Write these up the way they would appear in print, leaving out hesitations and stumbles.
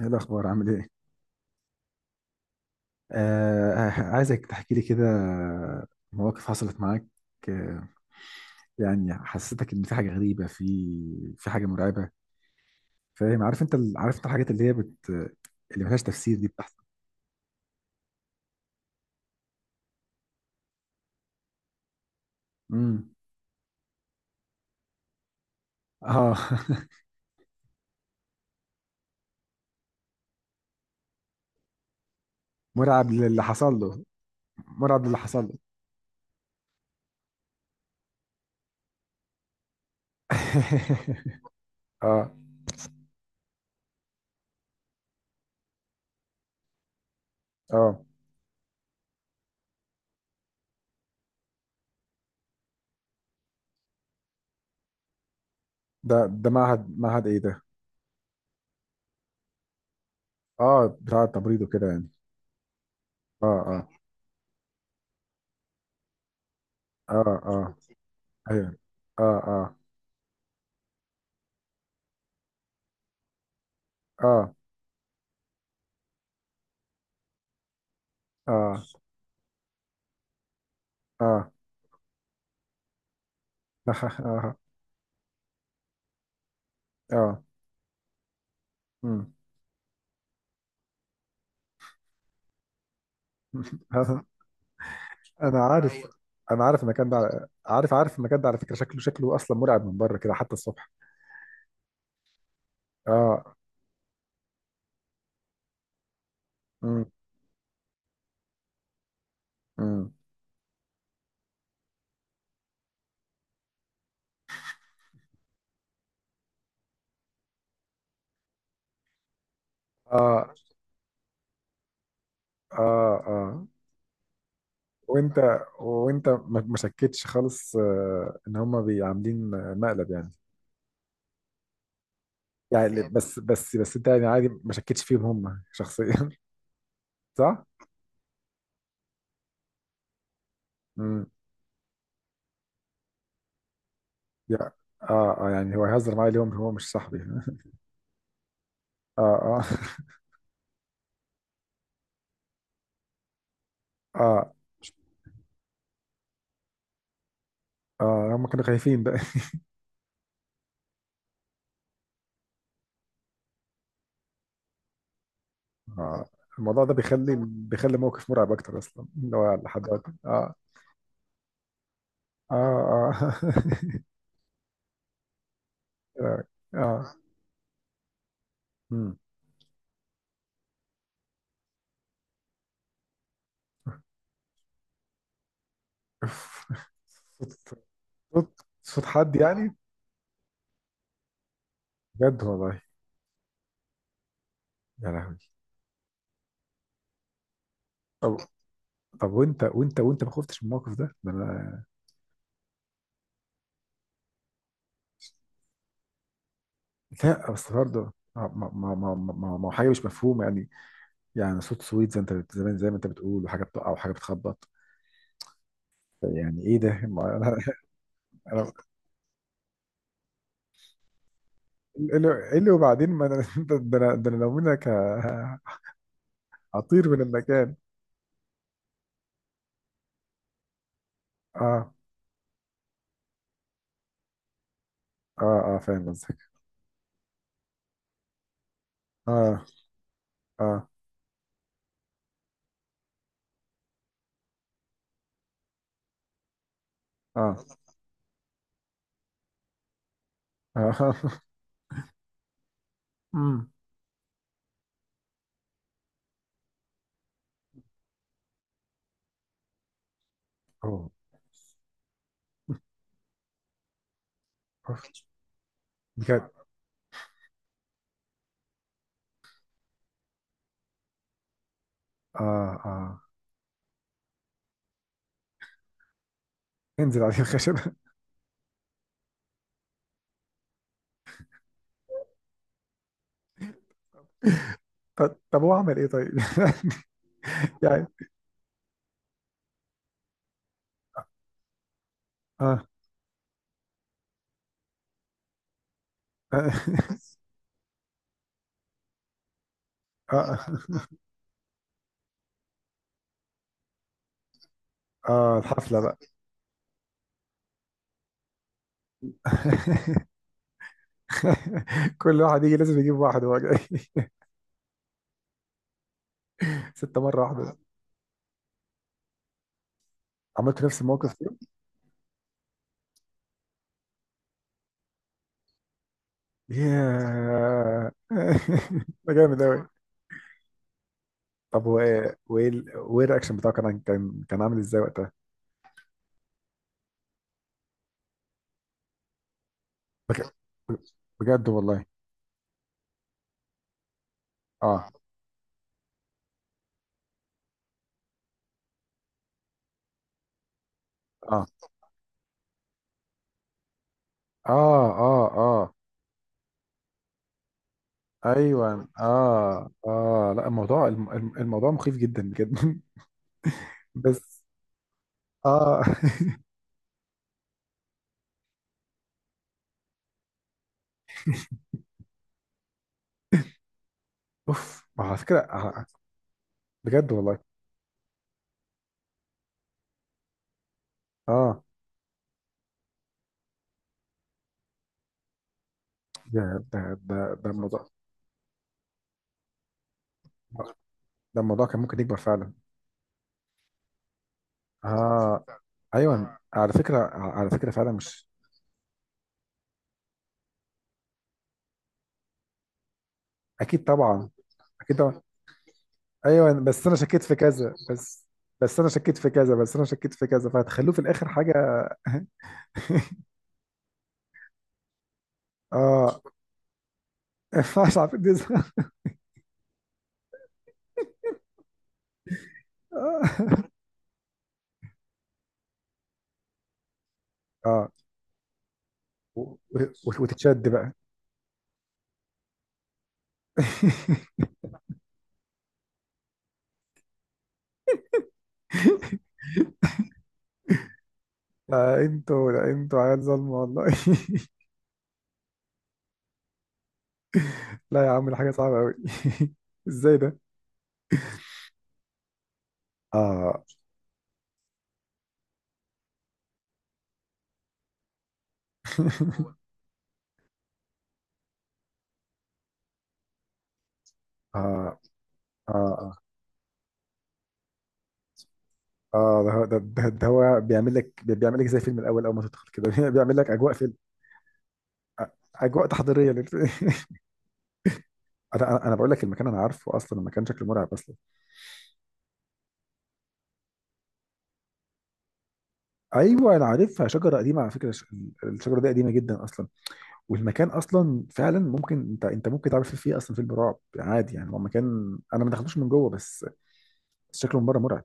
ايه الاخبار؟ عامل ايه؟ آه، عايزك تحكي لي كده مواقف حصلت معاك. آه. يعني حسيتك ان في حاجه غريبه، في حاجه مرعبه. فاهم؟ عارف انت الحاجات اللي هي بت اللي ملهاش تفسير دي بتحصل. امم. اه. مرعب للي حصل له. مرعب للي حصل له. اه، اه. ده معهد ايه ده؟ اه، بتاع التمريض وكده يعني. اه، اه. اه، اه. ايوه، اه، اه. اه، اه. اه. اه. مم. انا عارف هو انا عارف المكان ده، عارف المكان ده على فكره، شكله اصلا مرعب من بره كده حتى الصبح. اه. امم. امم. اه. اه. اه وانت وانت ما شكتش خالص، ان هم بيعاملين مقلب يعني بس انت يعني عادي ما شكتش فيهم هم شخصيا. صح؟ امم. يا اه، اه، يعني هو هيهزر معايا اليوم؟ هو مش صاحبي. اه، اه. اه، اه، هم كانوا خايفين بقى. آه. الموضوع ده بيخلي موقف مرعب اكتر اصلا اللي هو لحد دلوقتي، اه. اه، اه. اه. آه. مم. أوف. صوت صوت حد يعني. بجد والله؟ يا لهوي. طب طب، وانت ما خفتش من الموقف ده؟ انا... لا بس برضه ما... ما هو حاجه مش مفهومه يعني. يعني صوت سويت زي زمان زي ما انت بتقول، وحاجه بتقع، وحاجه بتخبط. يعني ايه ده؟ ما انا... انا... إيه اللي وبعدين، ما انا ده انا لو منك... أطير من المكان. آه. آه، آه، فاهم قصدك. آه، آه، آه، آه. أمم. أوه. أوف. بجد. آه، آه. انزل عليه الخشبة. طب، هو عمل إيه طيب؟ يعني. آه. آه، آه، آه، الحفلة بقى. كل واحد يجي لازم يجيب واحد وهو جاي. 6 مرة واحدة. عملت نفس الموقف فيهم؟ ياه. ده جامد أوي. طب، وإيه الرياكشن بتاعه كان عامل إزاي وقتها؟ بج- بجد والله. اه، اه، اه، اه، اه. ايوه، اه، اه، لا، الموضوع الموضوع مخيف جدا بجد. بس اه. اوف، ما هو على فكره آه. بجد والله. اه، ده ده ده الموضوع... ده الموضوع كان ممكن يكبر فعلا. اه، ايوه، على فكره فعلا مش... اكيد طبعا. اكيد طبعا. ايوه بس انا شكيت في كذا بس. بس انا شكيت في كذا بس انا شكيت في كذا فهتخلوه في الاخر حاجه. اه. ما ينفعش على فكرة دي- اه. و- و- وتتشد بقى. لا انتوا عيال ظلمة والله. لا يا عم، دي حاجة صعبة أوي. ازاي ده؟ اه. اه، اه، اه، اه، ده هو بيعمل لك زي فيلم الأول، أول ما تدخل كده. بيعمل لك أجواء فيلم. أجواء تحضيرية للفيلم. أنا بقول لك المكان، أنا عارفه أصلا، المكان شكله مرعب أصلا. أيوه أنا عارفها، شجرة قديمة على فكرة، الش- الشجرة دي قديمة جدا أصلا. والمكان اصلا فعلا ممكن انت ممكن تعمل فيه اصلا فيلم رعب عادي، يعني هو مكان انا ما دخلتوش من جوه بس. بس شكله من بره مرعب.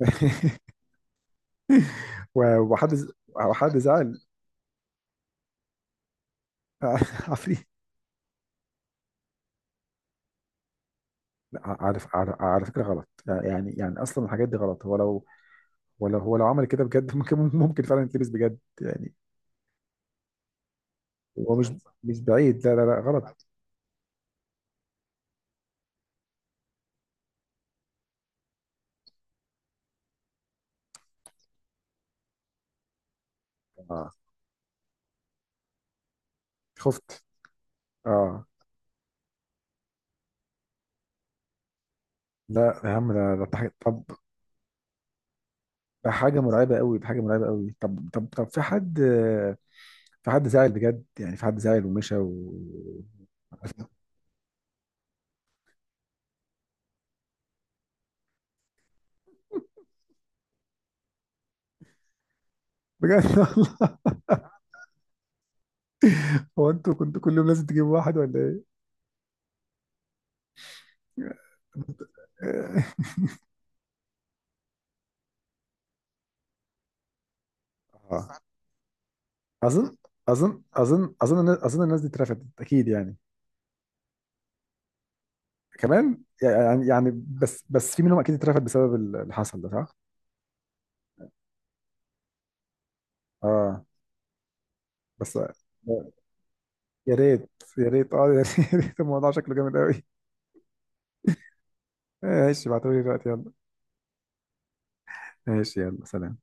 وحد وحد زعل؟ عفريت. لا، عارف، على فكره غلط. يعني اصلا الحاجات دي غلط، هو لو... ولا هو لو عمل كده بجد ممكن فعلا يتلبس بجد يعني. هو مش... مش بعيد، لا، لا، لا، غلط. آه. خفت. اه. لا يا عم، ده حاجه. طب... ده حاجه مرعبه قوي، ده حاجه مرعبه قوي. طب، في حد... في حد زعل بجد يعني، في حد زعل ومشى و... بجد والله. هو انتوا كنتوا كل يوم لازم تجيبوا واحد ولا ايه؟ آه. اظن اظن الناس دي اترفدت اكيد يعني. كمان، يعني بس في منهم اكيد اترفد بسبب اللي حصل ده، صح؟ اه. بس يا ريت، يا ريت، اه، يا ريت. الموضوع شكله جامد قوي. ماشي، ابعتولي دلوقتي، يلا. ماشي، يلا، سلام.